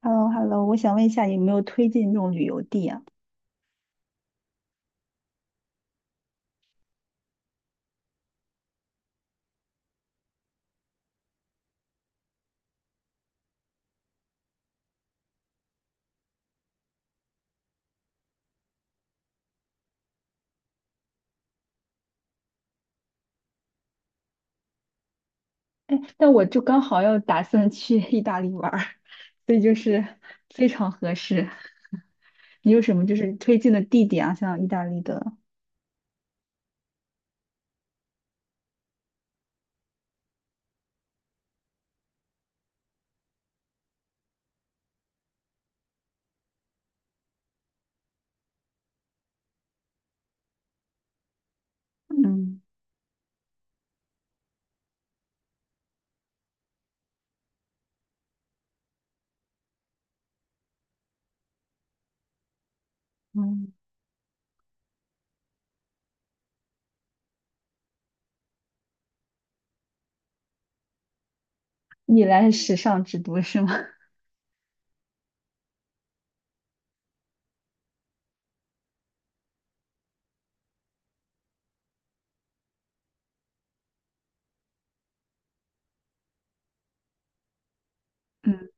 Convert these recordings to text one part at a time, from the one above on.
h e l l o h e l l o 我想问一下，有没有推荐这种旅游地啊？但我就刚好要打算去 意大利玩儿，所以就是非常合适。你有什么就是推荐的地点啊？像意大利的。嗯嗯。米兰是时尚之都是吗？嗯。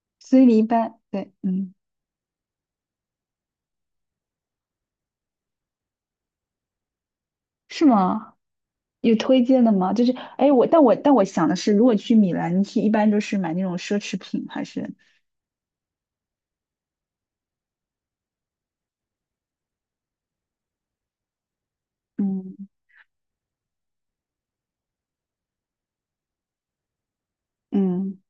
所以你一般对，嗯。是吗？有推荐的吗？就是，哎，我但我但我想的是，如果去米兰，去一般都是买那种奢侈品，还是。嗯嗯。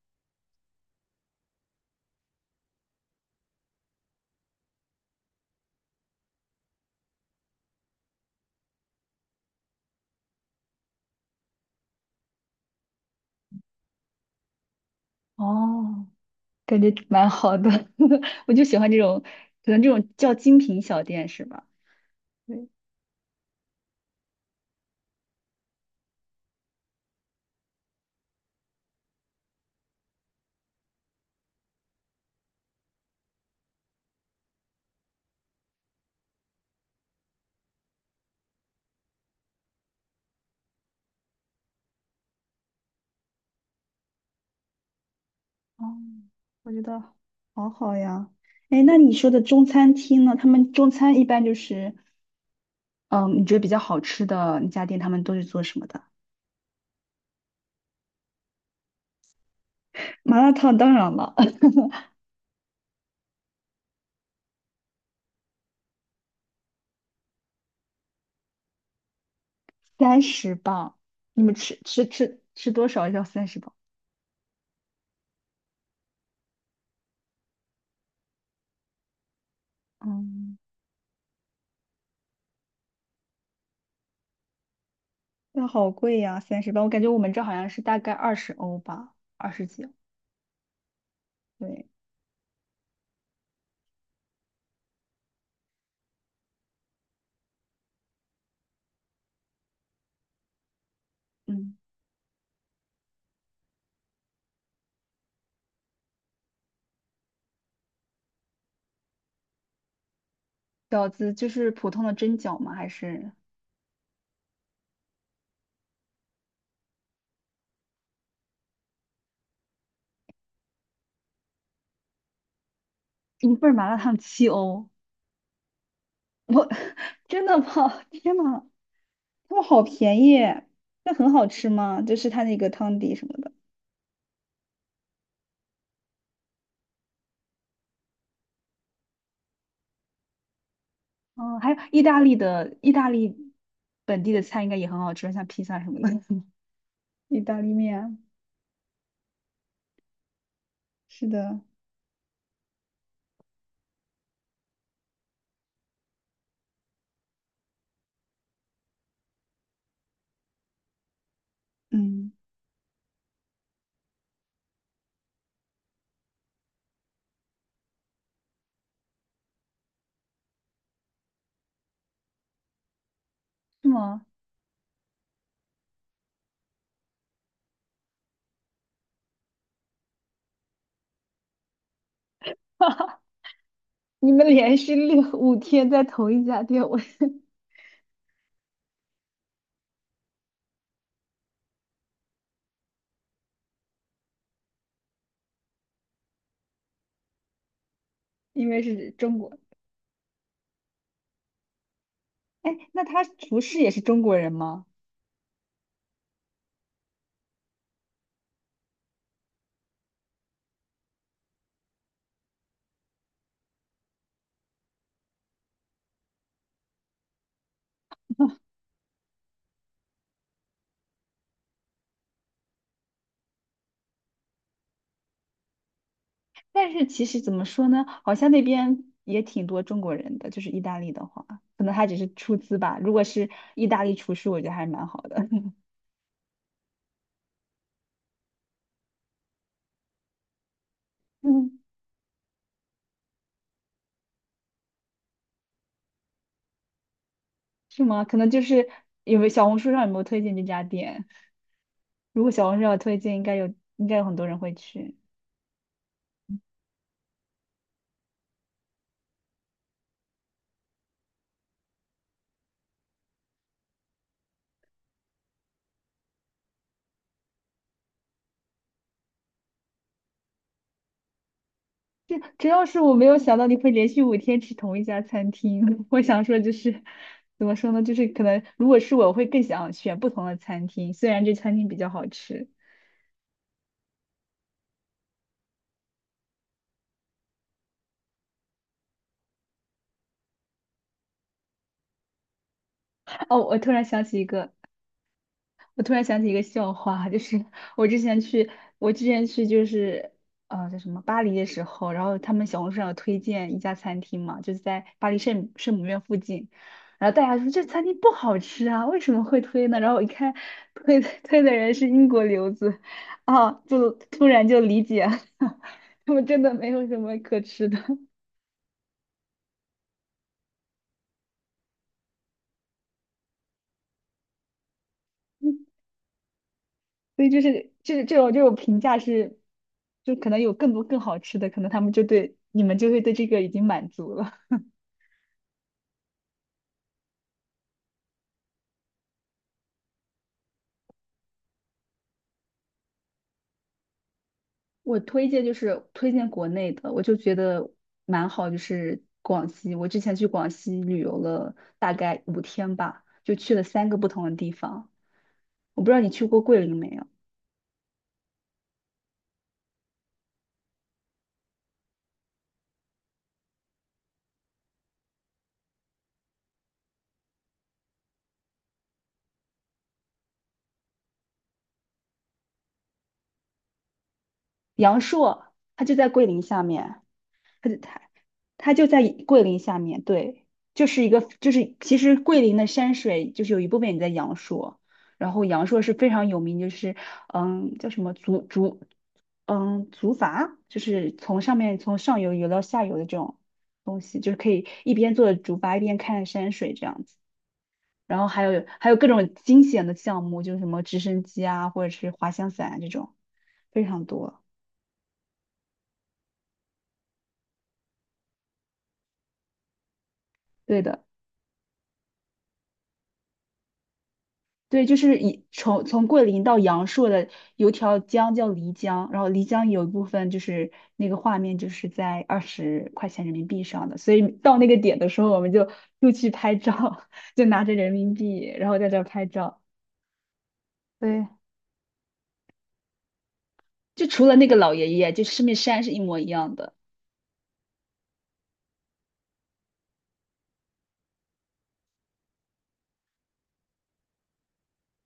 哦，感觉蛮好的。我就喜欢这种，可能这种叫精品小店是吧？对。哦，我觉得好好呀。哎，那你说的中餐厅呢？他们中餐一般就是，嗯，你觉得比较好吃的那家店，他们都是做什么的？麻辣烫当然了，三十磅，你们吃多少要三十磅？嗯，那好贵呀，三十磅，我感觉我们这好像是大概20欧吧，二十几。对。嗯，饺子就是普通的蒸饺吗？还是一份儿麻辣烫7欧？我真的吗？天呐，他们好便宜，那很好吃吗？就是它那个汤底什么的。嗯，还有意大利本地的菜应该也很好吃，像披萨什么的。意大利面啊，是的。嗯。是吗？哈，你们连续六五天在同一家店，我 因为是中国。哎，那他厨师也是中国人吗？但是其实怎么说呢，好像那边也挺多中国人的，就是意大利的话，可能他只是出资吧。如果是意大利厨师，我觉得还蛮好的。嗯。是吗？可能就是有没有小红书上有没有推荐这家店？如果小红书上有推荐，应该有，应该有很多人会去。这主要是我没有想到你会连续五天吃同一家餐厅。我想说就是，怎么说呢？就是可能如果是我会更想选不同的餐厅，虽然这餐厅比较好吃。哦，我突然想起一个笑话，就是 我之前去，我之前去就是叫什么巴黎的时候，然后他们小红书上有推荐一家餐厅嘛，就是在巴黎圣母院附近，然后大家说这餐厅不好吃啊，为什么会推呢？然后我一看推的人是英国留子。啊，就突然就理解了。他们真的没有什么可吃的，所以就是这种评价是，就可能有更多更好吃的，可能他们就对你们就会对这个已经满足了。我推荐就是推荐国内的，我就觉得蛮好，就是广西。我之前去广西旅游了大概五天吧，就去了三个不同的地方。我不知道你去过桂林没有？阳朔，它就在桂林下面。它就它它就在桂林下面，对，就是一个就是其实桂林的山水就是有一部分也在阳朔，然后阳朔是非常有名，就是叫什么竹筏，就是从上游游到下游的这种东西，就是可以一边坐着竹筏一边看山水这样子。然后还有各种惊险的项目，就是什么直升机啊，或者是滑翔伞啊这种，非常多。对的。对，就是从桂林到阳朔的有条江叫漓江，然后漓江有一部分就是那个画面就是在20块钱人民币上的，所以到那个点的时候，我们就又去拍照，就拿着人民币，然后在这儿拍照。对，就除了那个老爷爷，就上面山是一模一样的。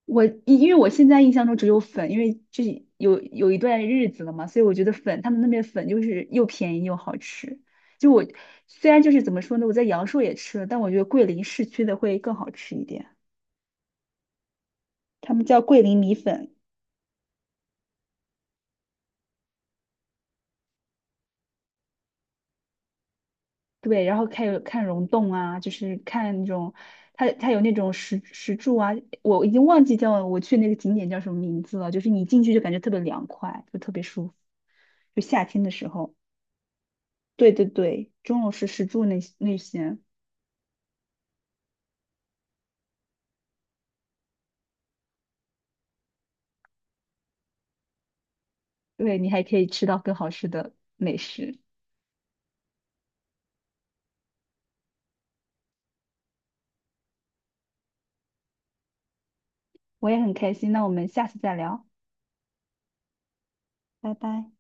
因为我现在印象中只有粉，因为就是有一段日子了嘛，所以我觉得粉，他们那边粉就是又便宜又好吃。就我虽然就是怎么说呢，我在阳朔也吃了，但我觉得桂林市区的会更好吃一点，他们叫桂林米粉。对，然后看溶洞啊，就是看那种，它有那种石柱啊，我已经忘记叫我去那个景点叫什么名字了，就是你进去就感觉特别凉快，就特别舒服，就夏天的时候。对对对，钟楼石柱那些。对，你还可以吃到更好吃的美食。我也很开心，那我们下次再聊，拜拜。